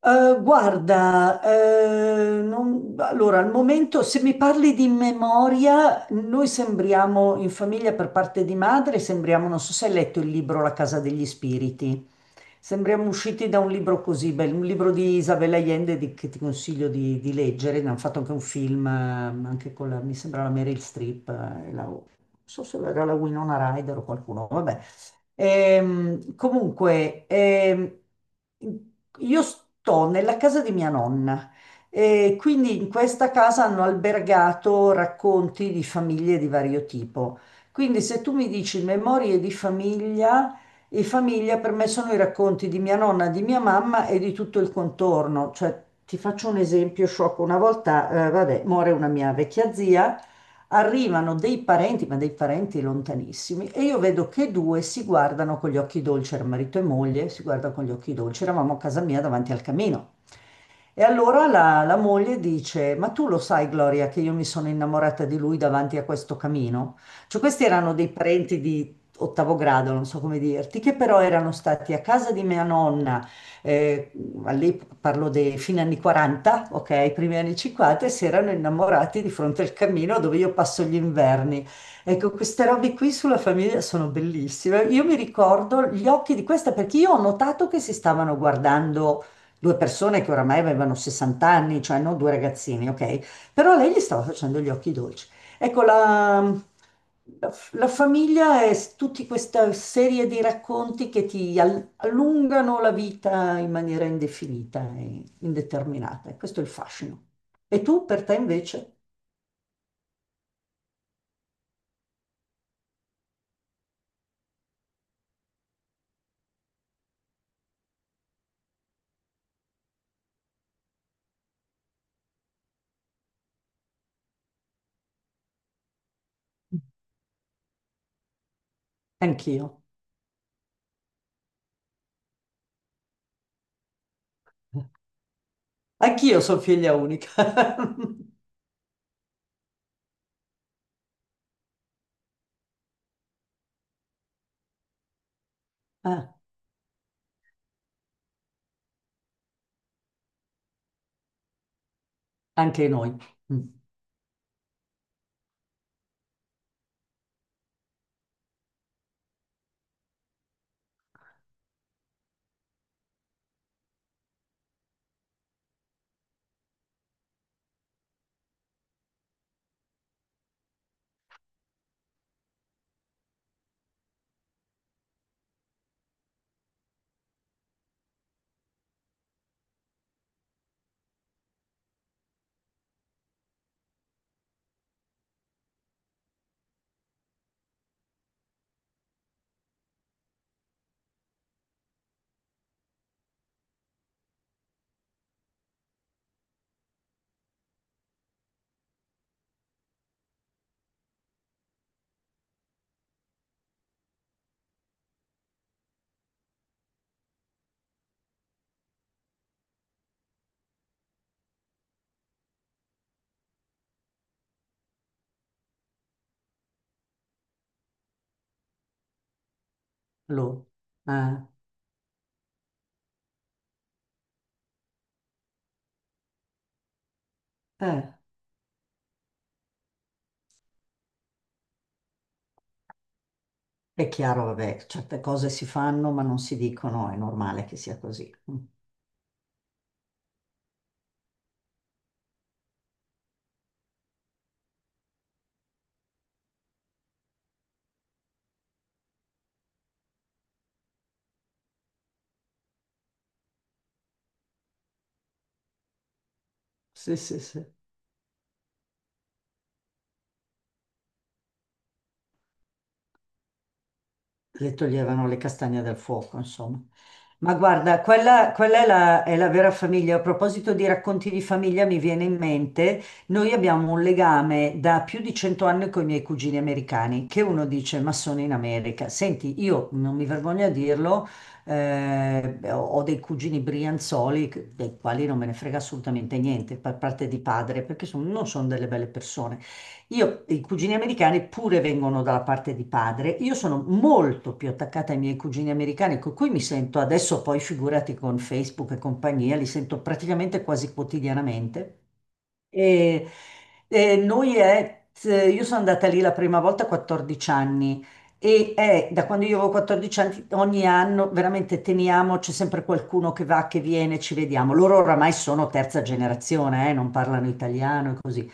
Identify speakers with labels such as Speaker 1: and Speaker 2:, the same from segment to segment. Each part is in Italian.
Speaker 1: Guarda, allora al momento se mi parli di memoria, noi sembriamo in famiglia per parte di madre, sembriamo, non so se hai letto il libro La casa degli spiriti, sembriamo usciti da un libro così bello, un libro di Isabel Allende che ti consiglio di leggere, ne hanno fatto anche un film, anche con la, mi sembra la Meryl Streep, e non so se era la Winona Ryder o qualcuno, vabbè. Comunque, io sto nella casa di mia nonna e quindi in questa casa hanno albergato racconti di famiglie di vario tipo. Quindi se tu mi dici memorie di famiglia, e famiglia per me sono i racconti di mia nonna, di mia mamma e di tutto il contorno. Cioè, ti faccio un esempio sciocco. Una volta, vabbè, muore una mia vecchia zia, arrivano dei parenti, ma dei parenti lontanissimi, e io vedo che due si guardano con gli occhi dolci, era marito e moglie, si guardano con gli occhi dolci, eravamo a casa mia davanti al camino. E allora la moglie dice: Ma tu lo sai, Gloria, che io mi sono innamorata di lui davanti a questo camino? Cioè, questi erano dei parenti di ottavo grado, non so come dirti, che però erano stati a casa di mia nonna, eh, all'epoca parlo dei fine anni 40, ok, primi anni 50, e si erano innamorati di fronte al camino dove io passo gli inverni. Ecco, queste robe qui sulla famiglia sono bellissime. Io mi ricordo gli occhi di questa perché io ho notato che si stavano guardando. Due persone che oramai avevano 60 anni, cioè non due ragazzini, ok? Però lei gli stava facendo gli occhi dolci. Ecco, la la famiglia è tutta questa serie di racconti che ti allungano la vita in maniera indefinita e indeterminata. E questo è il fascino. E tu, per te invece? Anch'io. Anch'io sono figlia unica. Ah, anche noi. Mm, loro. Ah, eh. È chiaro, vabbè, certe cose si fanno ma non si dicono, è normale che sia così. Mm. Sì, sì, sì. Le toglievano le castagne dal fuoco, insomma. Ma guarda, quella, quella è la vera famiglia. A proposito di racconti di famiglia, mi viene in mente, noi abbiamo un legame da più di 100 anni con i miei cugini americani, che uno dice, ma sono in America. Senti, io non mi vergogno a dirlo, ho dei cugini brianzoli, dei quali non me ne frega assolutamente niente, per parte di padre, perché non sono delle belle persone. Io, i cugini americani pure vengono dalla parte di padre. Io sono molto più attaccata ai miei cugini americani, con cui mi sento adesso, poi figurati con Facebook e compagnia, li sento praticamente quasi quotidianamente. E, e io sono andata lì la prima volta a 14 anni e è da quando io avevo 14 anni, ogni anno veramente teniamo, c'è sempre qualcuno che va, che viene, ci vediamo. Loro oramai sono terza generazione, non parlano italiano e così.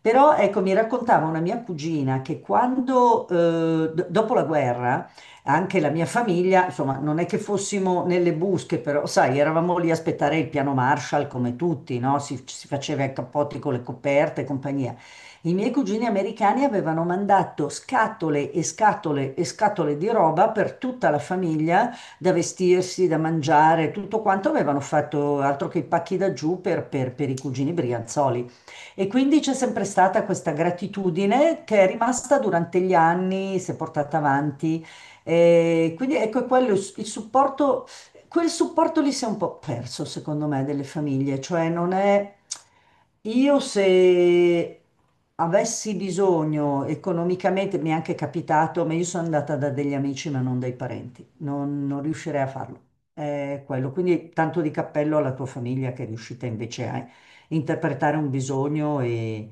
Speaker 1: Però ecco, mi raccontava una mia cugina che quando, dopo la guerra, anche la mia famiglia, insomma, non è che fossimo nelle busche, però sai, eravamo lì a aspettare il piano Marshall come tutti, no? Si faceva i cappotti con le coperte e compagnia. I miei cugini americani avevano mandato scatole e scatole e scatole di roba per tutta la famiglia, da vestirsi, da mangiare, tutto quanto avevano fatto altro che i pacchi da giù per i cugini brianzoli. E quindi c'è sempre stata questa gratitudine che è rimasta durante gli anni, si è portata avanti. E quindi ecco quello, il supporto, quel supporto lì si è un po' perso, secondo me, delle famiglie, cioè non è. Io se avessi bisogno economicamente, mi è anche capitato, ma io sono andata da degli amici ma non dai parenti, non riuscirei a farlo. È quello. Quindi tanto di cappello alla tua famiglia che è riuscita invece a interpretare un bisogno e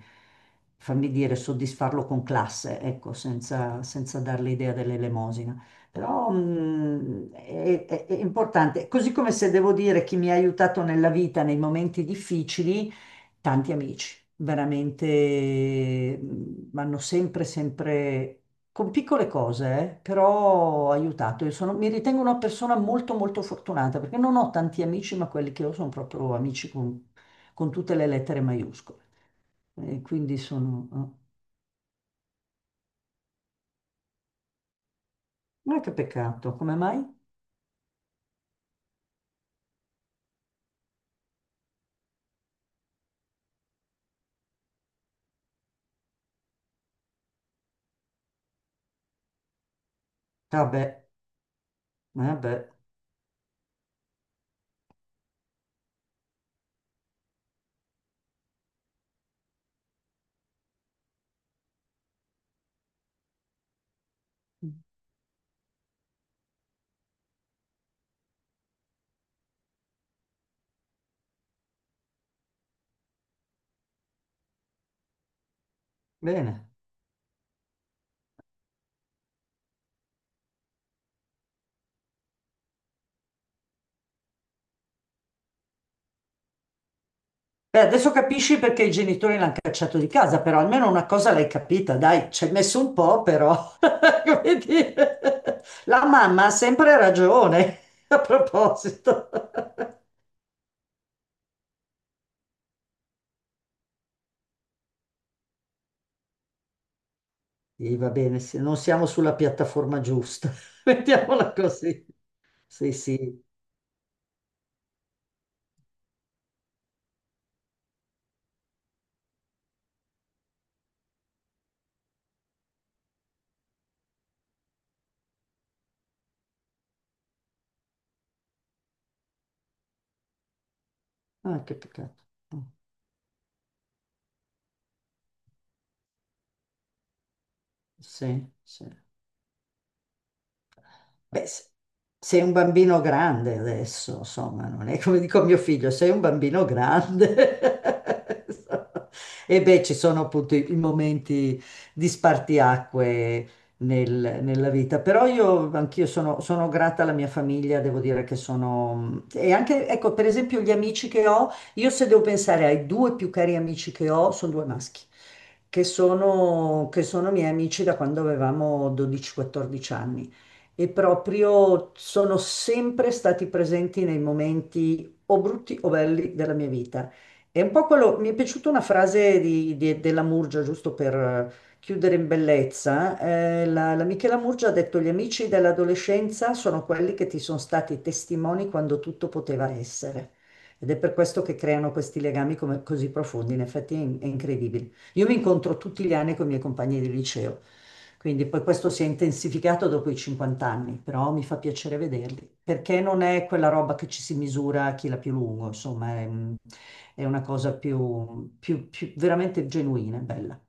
Speaker 1: fammi dire soddisfarlo con classe, ecco, senza, senza dare l'idea dell'elemosina. Però è importante, così come se devo dire chi mi ha aiutato nella vita nei momenti difficili, tanti amici, veramente mi hanno sempre, sempre, con piccole cose, però aiutato. Mi ritengo una persona molto, molto fortunata perché non ho tanti amici, ma quelli che ho sono proprio amici con tutte le lettere maiuscole. E quindi sono. Oh, ma che peccato, come mai? Vabbè, vabbè, bene. Beh, adesso capisci perché i genitori l'hanno cacciato di casa, però almeno una cosa l'hai capita, dai, ci hai messo un po', però, come dire, la mamma ha sempre ragione, a proposito. Sì, va bene, se non siamo sulla piattaforma giusta, mettiamola così. Sì, sì. Ah, che peccato. Sì, sì. Beh, sei un bambino grande adesso, insomma, non è come dico a mio figlio, sei un bambino grande. E beh, ci sono appunto i momenti di spartiacque nella vita, però io anch'io sono grata alla mia famiglia, devo dire che sono. E anche, ecco, per esempio gli amici che ho, io se devo pensare ai due più cari amici che ho, sono due maschi che sono miei amici da quando avevamo 12-14 anni e proprio sono sempre stati presenti nei momenti o brutti o belli della mia vita. È un po' quello, mi è piaciuta una frase di, della Murgia, giusto per chiudere in bellezza. La Michela Murgia ha detto: Gli amici dell'adolescenza sono quelli che ti sono stati testimoni quando tutto poteva essere. Ed è per questo che creano questi legami così profondi. In effetti è incredibile. Io mi incontro tutti gli anni con i miei compagni di liceo, quindi poi questo si è intensificato dopo i 50 anni, però mi fa piacere vederli, perché non è quella roba che ci si misura a chi l'ha più lungo, insomma, è una cosa più, più veramente genuina, e bella.